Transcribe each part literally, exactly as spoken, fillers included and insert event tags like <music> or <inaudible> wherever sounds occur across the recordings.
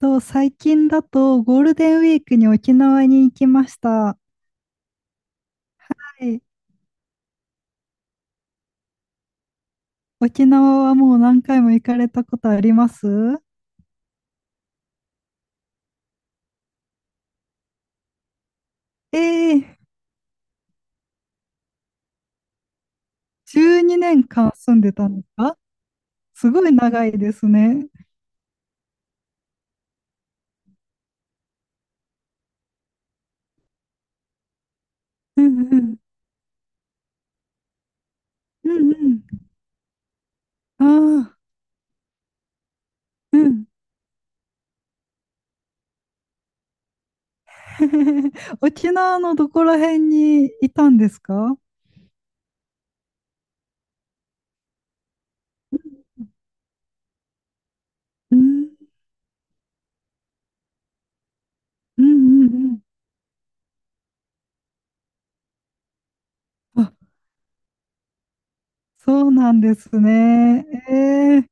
と、最近だとゴールデンウィークに沖縄に行きました。はい。沖縄はもう何回も行かれたことあります？ええ。じゅうにねんかん住んでたのか。すごい長いですね。うんうん。うんうん。ああ、うん。<laughs> 沖縄のどこら辺にいたんですか？うん、うん、うん、うん。あ、そうなんですね。え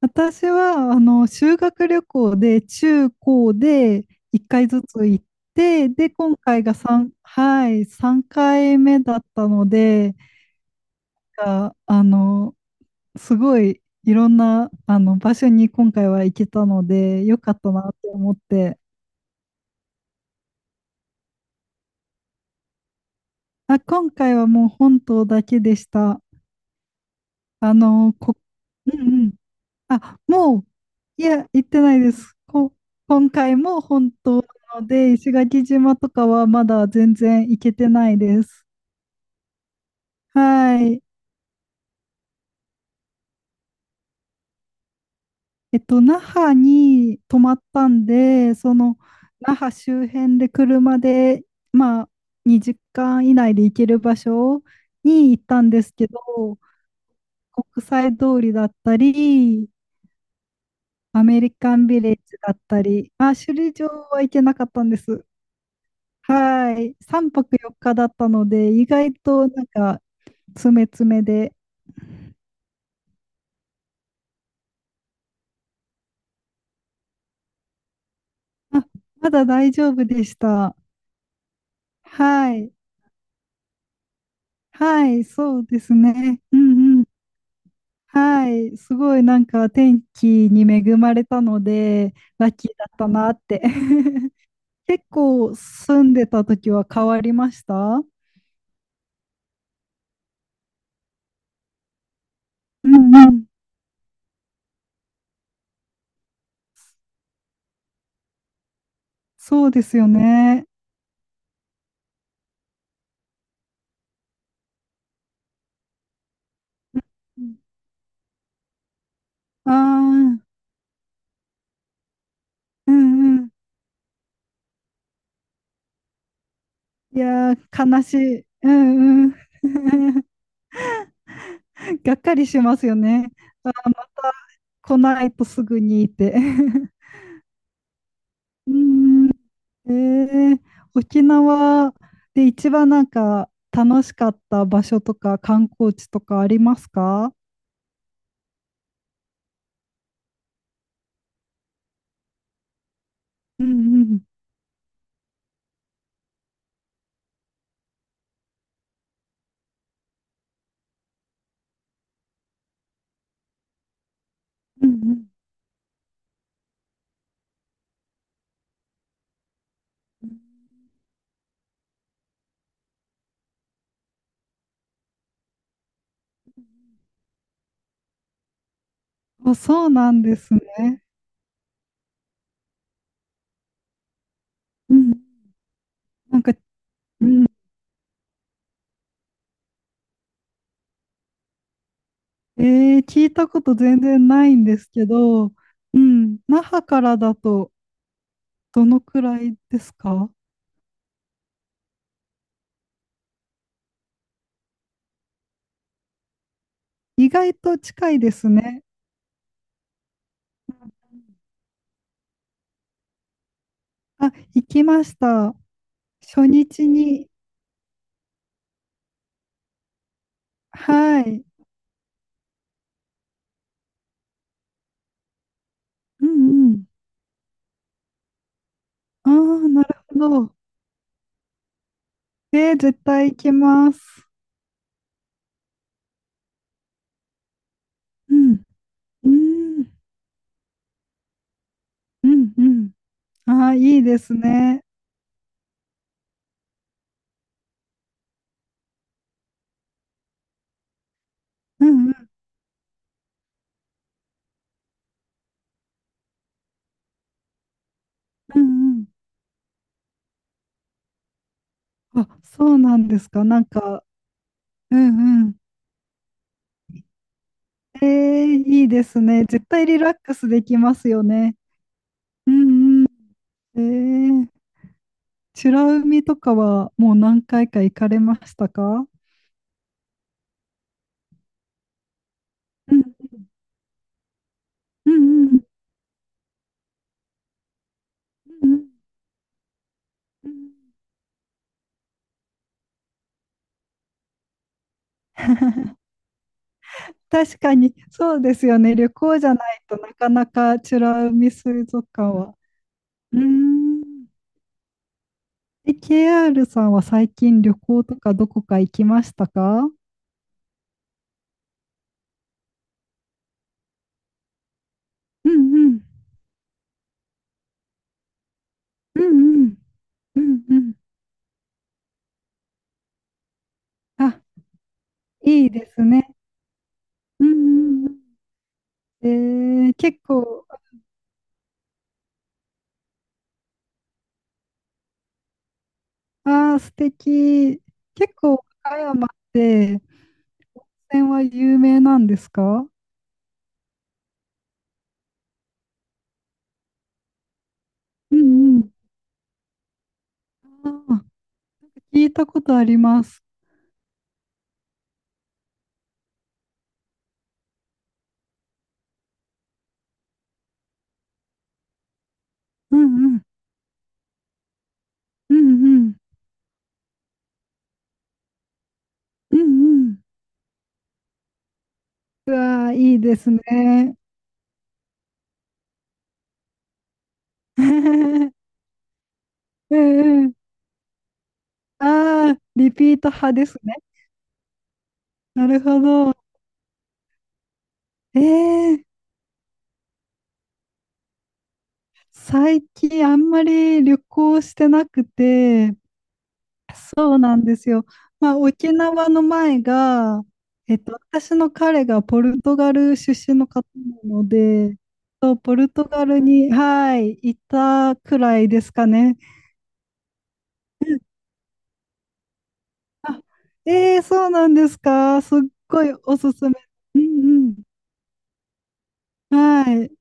私は、あの、修学旅行で、中高でいっかいずつ行って、で、今回が3、はい、さんかいめだったので、が、あの、すごいいろんな、あの、場所に今回は行けたので、よかったなって思って、あ、今回はもう本島だけでした。あの、こ、うんうん。あ、もう、いや、行ってないです。こ、今回も本当なので、石垣島とかはまだ全然行けてないです。はい。えっと、那覇に泊まったんで、その、那覇周辺で車で、まあ、にじかん以内で行ける場所に行ったんですけど、国際通りだったり、アメリカンビレッジだったり、まあ、首里城は行けなかったんです。はい。さんぱくよっかだったので、意外となんか、詰め詰めで、あ、まだ大丈夫でした。はい。はい、そうですね。うんうん。はい。すごいなんか天気に恵まれたので、ラッキーだったなって。<laughs> 結構住んでた時は変わりました？うんうん。そうですよね。ああー、うんうん。いやー、悲しい。うんうん。<laughs> がっかりしますよね。あー、また来ないとすぐにって。<laughs> うーん。ええ、沖縄で一番なんか楽しかった場所とか観光地とかありますか？うんうん。うんうん。うん。あ、そうなんですね。うん。なんか、うん。ええ、聞いたこと全然ないんですけど、うん。那覇からだとどのくらいですか？意外と近いですね。あ、行きました。初日に、はい。うんうん。ああ、なるほど。えー、絶対行きます。うん。うーん。うんうん。ああ、いいですね。うんうんうんうん。あ、そうなんですか。なんか、うんうん。えー、いいですね。絶対リラックスできますよね。うんうん。えー、美ら海とかはもう何回か行かれましたか？うんうんうんうんうんうん。<laughs> 確かに、そうですよね。旅行じゃないとなかなか美ら海水族館は。うーん。え、ケーアール さんは最近旅行とかどこか行きましたか？うんうん。うんうん。うんうん。あ、いいですね。うんうんうん。えー、結構、ああ、素敵。結構、岡山って、温泉は有名なんですか？うんうん。ああ、聞いたことあります。うんうん。うんうん。うんうん。うわー、いいですね。<laughs> うんうん。ああ、リピート派ですね。なるほど。ええ、最近あんまり旅行してなくて、そうなんですよ。まあ、沖縄の前が、えっと、私の彼がポルトガル出身の方なので、そうポルトガルに、はい、いたくらいですかね。ええ、そうなんですか。すっごいおすすめ。うんうん。はい。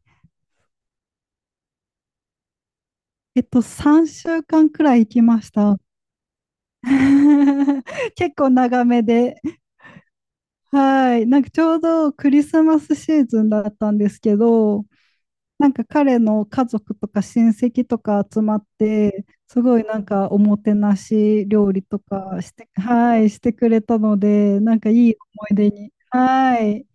えっと、さんしゅうかんくらい行きました。<laughs> 結構長めで。はい。なんかちょうどクリスマスシーズンだったんですけど、なんか彼の家族とか親戚とか集まって、すごいなんかおもてなし料理とかして、はい、してくれたので、なんかいい思い出に。はい。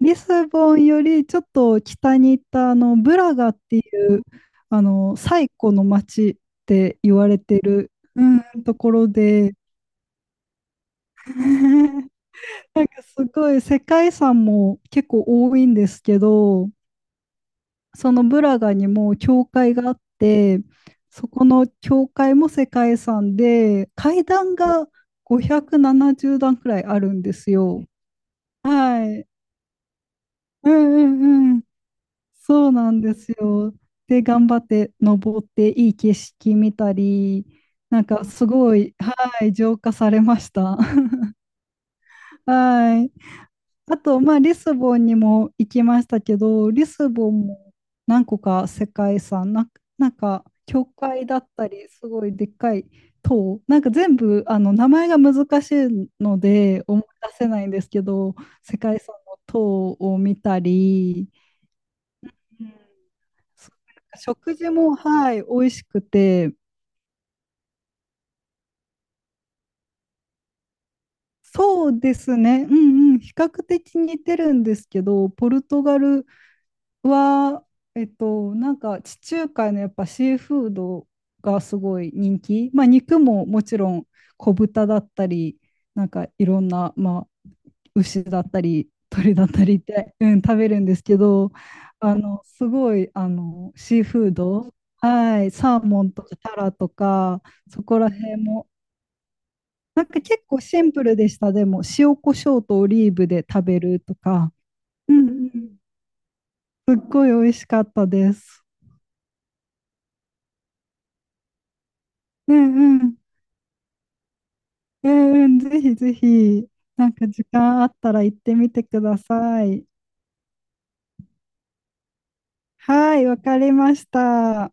リスボンよりちょっと北に行ったあのブラガっていうあの最古の町って言われてる、うん。ところで <laughs> なんかすごい世界遺産も結構多いんですけど、そのブラガにも教会があって、そこの教会も世界遺産で、階段がごひゃくななじゅう段くらいあるんですよ。はい。うんうん、そうなんですよ。で、頑張って登って、いい景色見たり、なんかすごい、はい、浄化されました。<laughs> はい。あと、まあ、リスボンにも行きましたけど、リスボンも何個か世界遺産、な、なんか、教会だったり、すごいでっかい塔、なんか全部、あの、名前が難しいので、思い出せないんですけど、世界遺産の塔を見たり、食事も、はい、美味しくて、そうですね、うんうん、比較的似てるんですけど、ポルトガルは、えっと、なんか地中海のやっぱシーフードがすごい人気、まあ、肉ももちろん小豚だったり、なんかいろんな、まあ、牛だったり、鳥だったりって、うん、食べるんですけど、あの、すごい、あの、シーフード、はい、サーモンとかタラとか、そこら辺もなんか結構シンプルでした。でも、塩コショウとオリーブで食べるとか、うんうん。すっごい美味しかったです。うんうん。うんうん。ぜひぜひ、なんか時間あったら行ってみてください。はい、わかりました。